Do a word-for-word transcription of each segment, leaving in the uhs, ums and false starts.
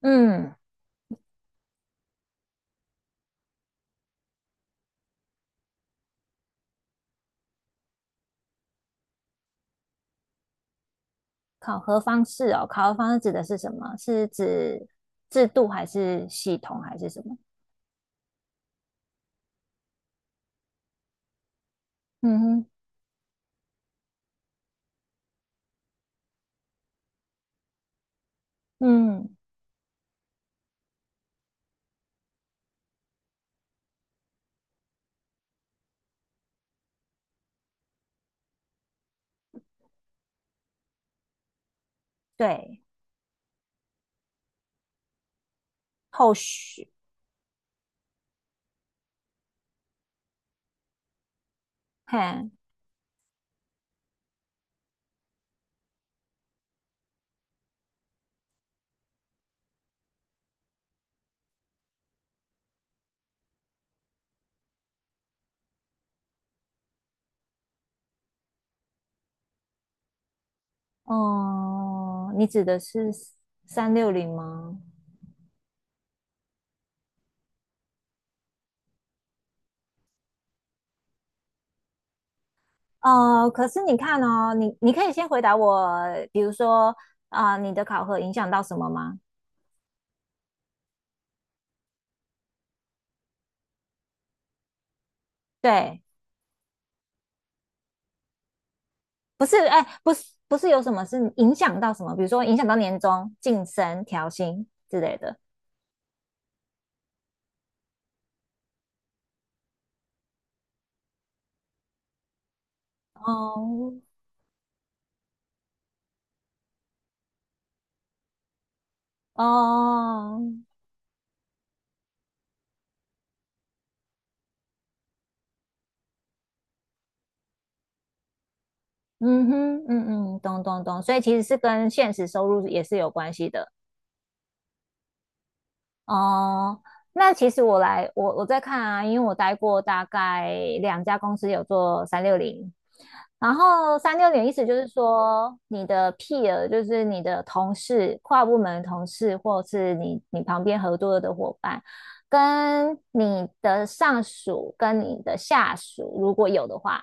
嗯，考核方式哦，考核方式指的是什么？是指制度还是系统还是什么？嗯哼，嗯，对，后续，嘿，哦、你指的是三六零吗？哦、可是你看哦，你你可以先回答我，比如说啊、你的考核影响到什么吗？对，不是，哎，不是，不是有什么是影响到什么？比如说影响到年终、晋升、调薪之类的。哦，哦，嗯哼，嗯嗯，懂懂懂，所以其实是跟现实收入也是有关系的。哦，那其实我来，我我在看啊，因为我待过大概两家公司有做三六零，然后三六零意思就是说你的 peer 就是你的同事、跨部门的同事，或者是你你旁边合作的伙伴，跟你的上属跟你的下属，如果有的话，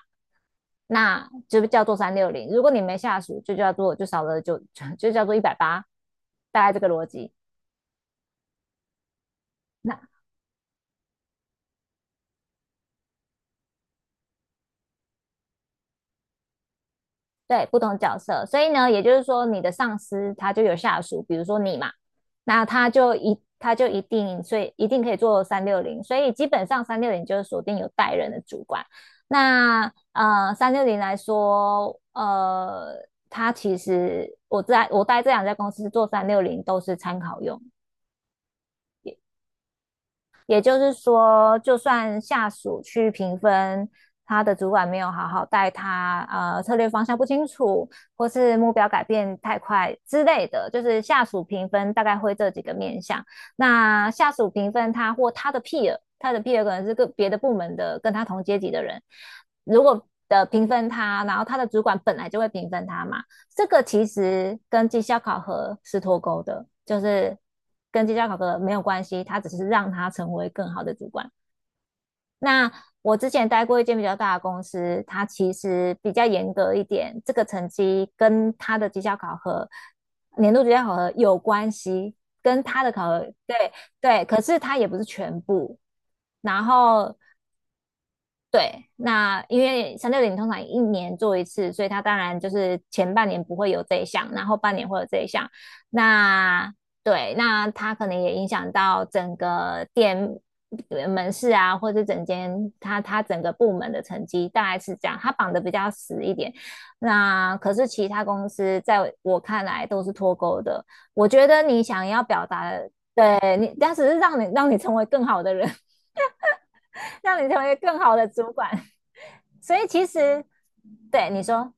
那就叫做三六零；如果你没下属，就叫做就少了就 就叫做一百八，大概这个逻辑。那。对，不同角色，所以呢，也就是说，你的上司他就有下属，比如说你嘛，那他就一他就一定，所以一定可以做三六零，所以基本上三六零就是锁定有带人的主管。那呃，三六零来说，呃，他其实我在我待这两家公司做三六零都是参考用，也就是说，就算下属去评分，他的主管没有好好带他，呃，策略方向不清楚，或是目标改变太快之类的，就是下属评分大概会这几个面向。那下属评分他或他的 peer,他的 peer 可能是个别的部门的跟他同阶级的人，如果的评分他，然后他的主管本来就会评分他嘛，这个其实跟绩效考核是脱钩的，就是跟绩效考核没有关系，它只是让他成为更好的主管。那我之前待过一间比较大的公司，它其实比较严格一点，这个成绩跟它的绩效考核、年度绩效考核有关系，跟它的考核，对对，可是它也不是全部。然后对，那因为三六零通常一年做一次，所以它当然就是前半年不会有这一项，然后半年会有这一项。那对，那它可能也影响到整个店呃门市啊，或者整间它它整个部门的成绩，大概是这样。它绑的比较死一点。那可是其他公司在我看来都是脱钩的。我觉得你想要表达的，对你，但只是让你让你成为更好的人，让你成为更好的主管。所以其实，对你说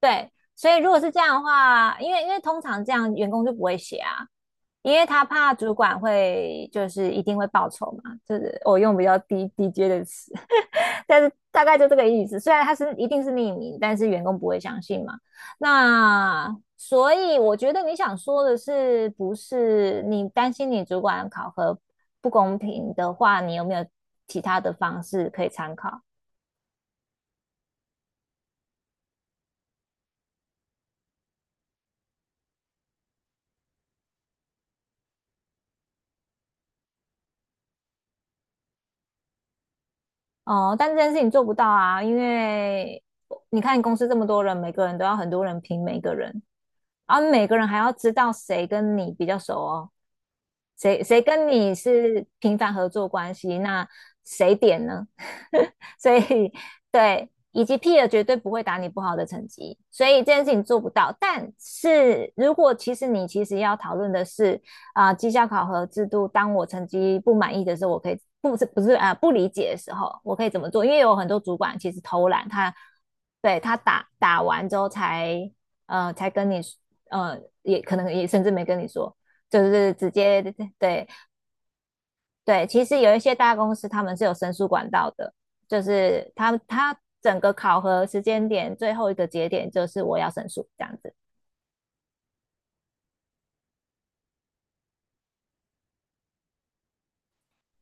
对，所以如果是这样的话，因为因为通常这样员工就不会写啊，因为他怕主管会就是一定会报酬嘛，就是我用比较低低阶的词，但是大概就这个意思。虽然他是一定是匿名，但是员工不会相信嘛。那所以我觉得你想说的是，不是你担心你主管考核不公平的话，你有没有其他的方式可以参考？哦，但这件事情做不到啊，因为你看公司这么多人，每个人都要很多人评每个人，而每个人还要知道谁跟你比较熟哦。谁谁跟你是频繁合作关系？那谁点呢？所以对，以及 p e 绝对不会打你不好的成绩，所以这件事情做不到。但是如果其实你其实要讨论的是啊、呃绩效考核制度，当我成绩不满意的时候，我可以不是不是啊、呃不理解的时候，我可以怎么做？因为有很多主管其实偷懒，他对他打打完之后才呃才跟你呃也可能也甚至没跟你说。就是直接对对，其实有一些大公司他们是有申诉管道的，就是他他整个考核时间点最后一个节点就是我要申诉这样子。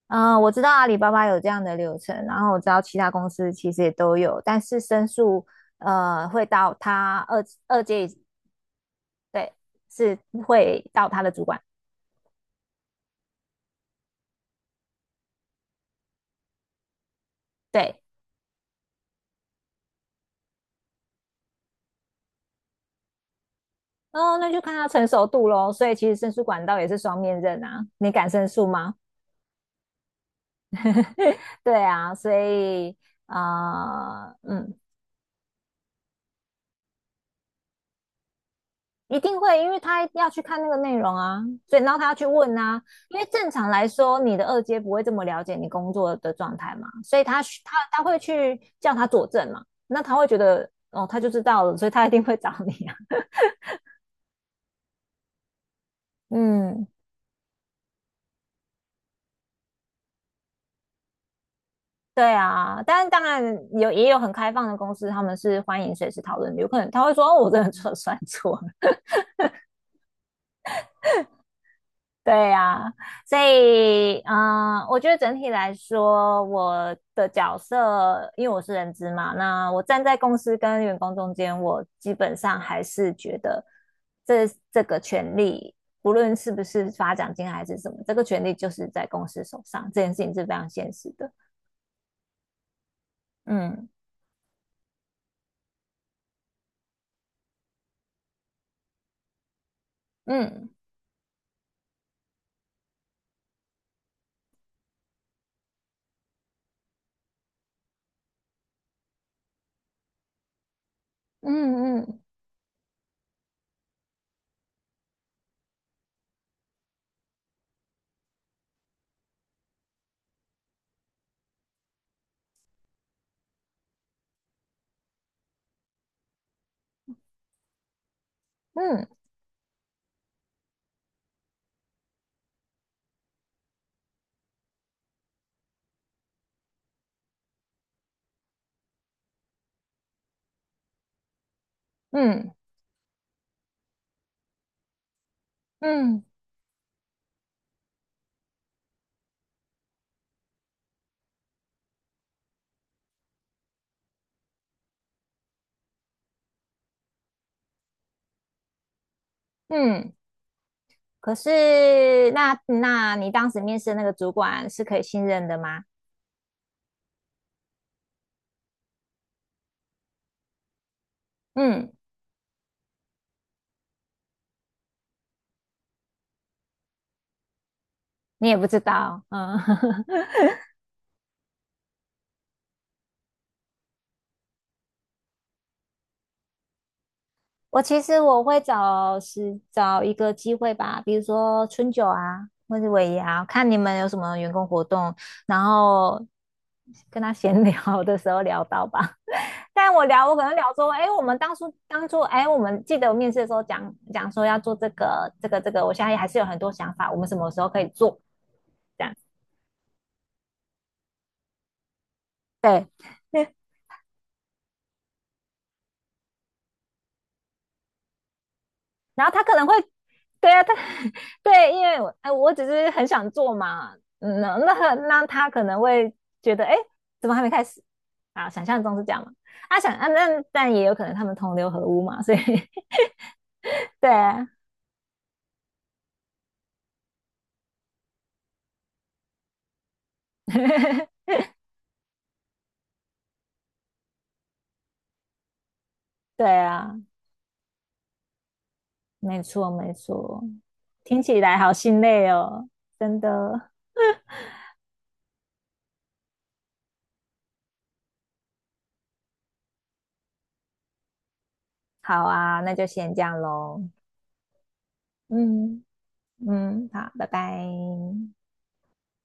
嗯，我知道阿里巴巴有这样的流程，然后我知道其他公司其实也都有，但是申诉呃会到他二二阶对，是会到他的主管，对，哦，那就看他成熟度喽。所以其实申诉管道也是双面刃啊，你敢申诉吗？对啊，所以啊、呃嗯，一定会，因为他要去看那个内容啊，所以然后他要去问啊，因为正常来说，你的二阶不会这么了解你工作的状态嘛，所以他需他他会去叫他佐证嘛，那他会觉得哦，他就知道了，所以他一定会找你啊，嗯。对啊，但是当然有也有很开放的公司，他们是欢迎随时讨论的。有可能他会说："哦，我真的错算错。"对呀，所以，嗯，我觉得整体来说，我的角色，因为我是人资嘛，那我站在公司跟员工中间，我基本上还是觉得这这个权利，不论是不是发奖金还是什么，这个权利就是在公司手上，这件事情是非常现实的。嗯嗯嗯嗯嗯嗯嗯嗯。可是，那那你当时面试的那个主管是可以信任的吗？嗯。你也不知道，嗯，我其实我会找时找一个机会吧，比如说春酒啊，或者尾牙，看你们有什么员工活动，然后跟他闲 聊的时候聊到吧。但我聊，我可能聊说，哎，我们当初当初，哎，我们记得我面试的时候讲讲说要做这个这个这个，我现在还是有很多想法，我们什么时候可以做？这样，对，然后他可能会，对啊，他 对，因为我哎，我只是很想做嘛，嗯，那那那他可能会觉得，哎，怎么还没开始啊？想象中是这样嘛？啊，想啊，那但也有可能他们同流合污嘛，所以 对啊，对啊，没错没错，听起来好心累哦，真的。好啊，那就先这样喽。嗯嗯，好，拜拜。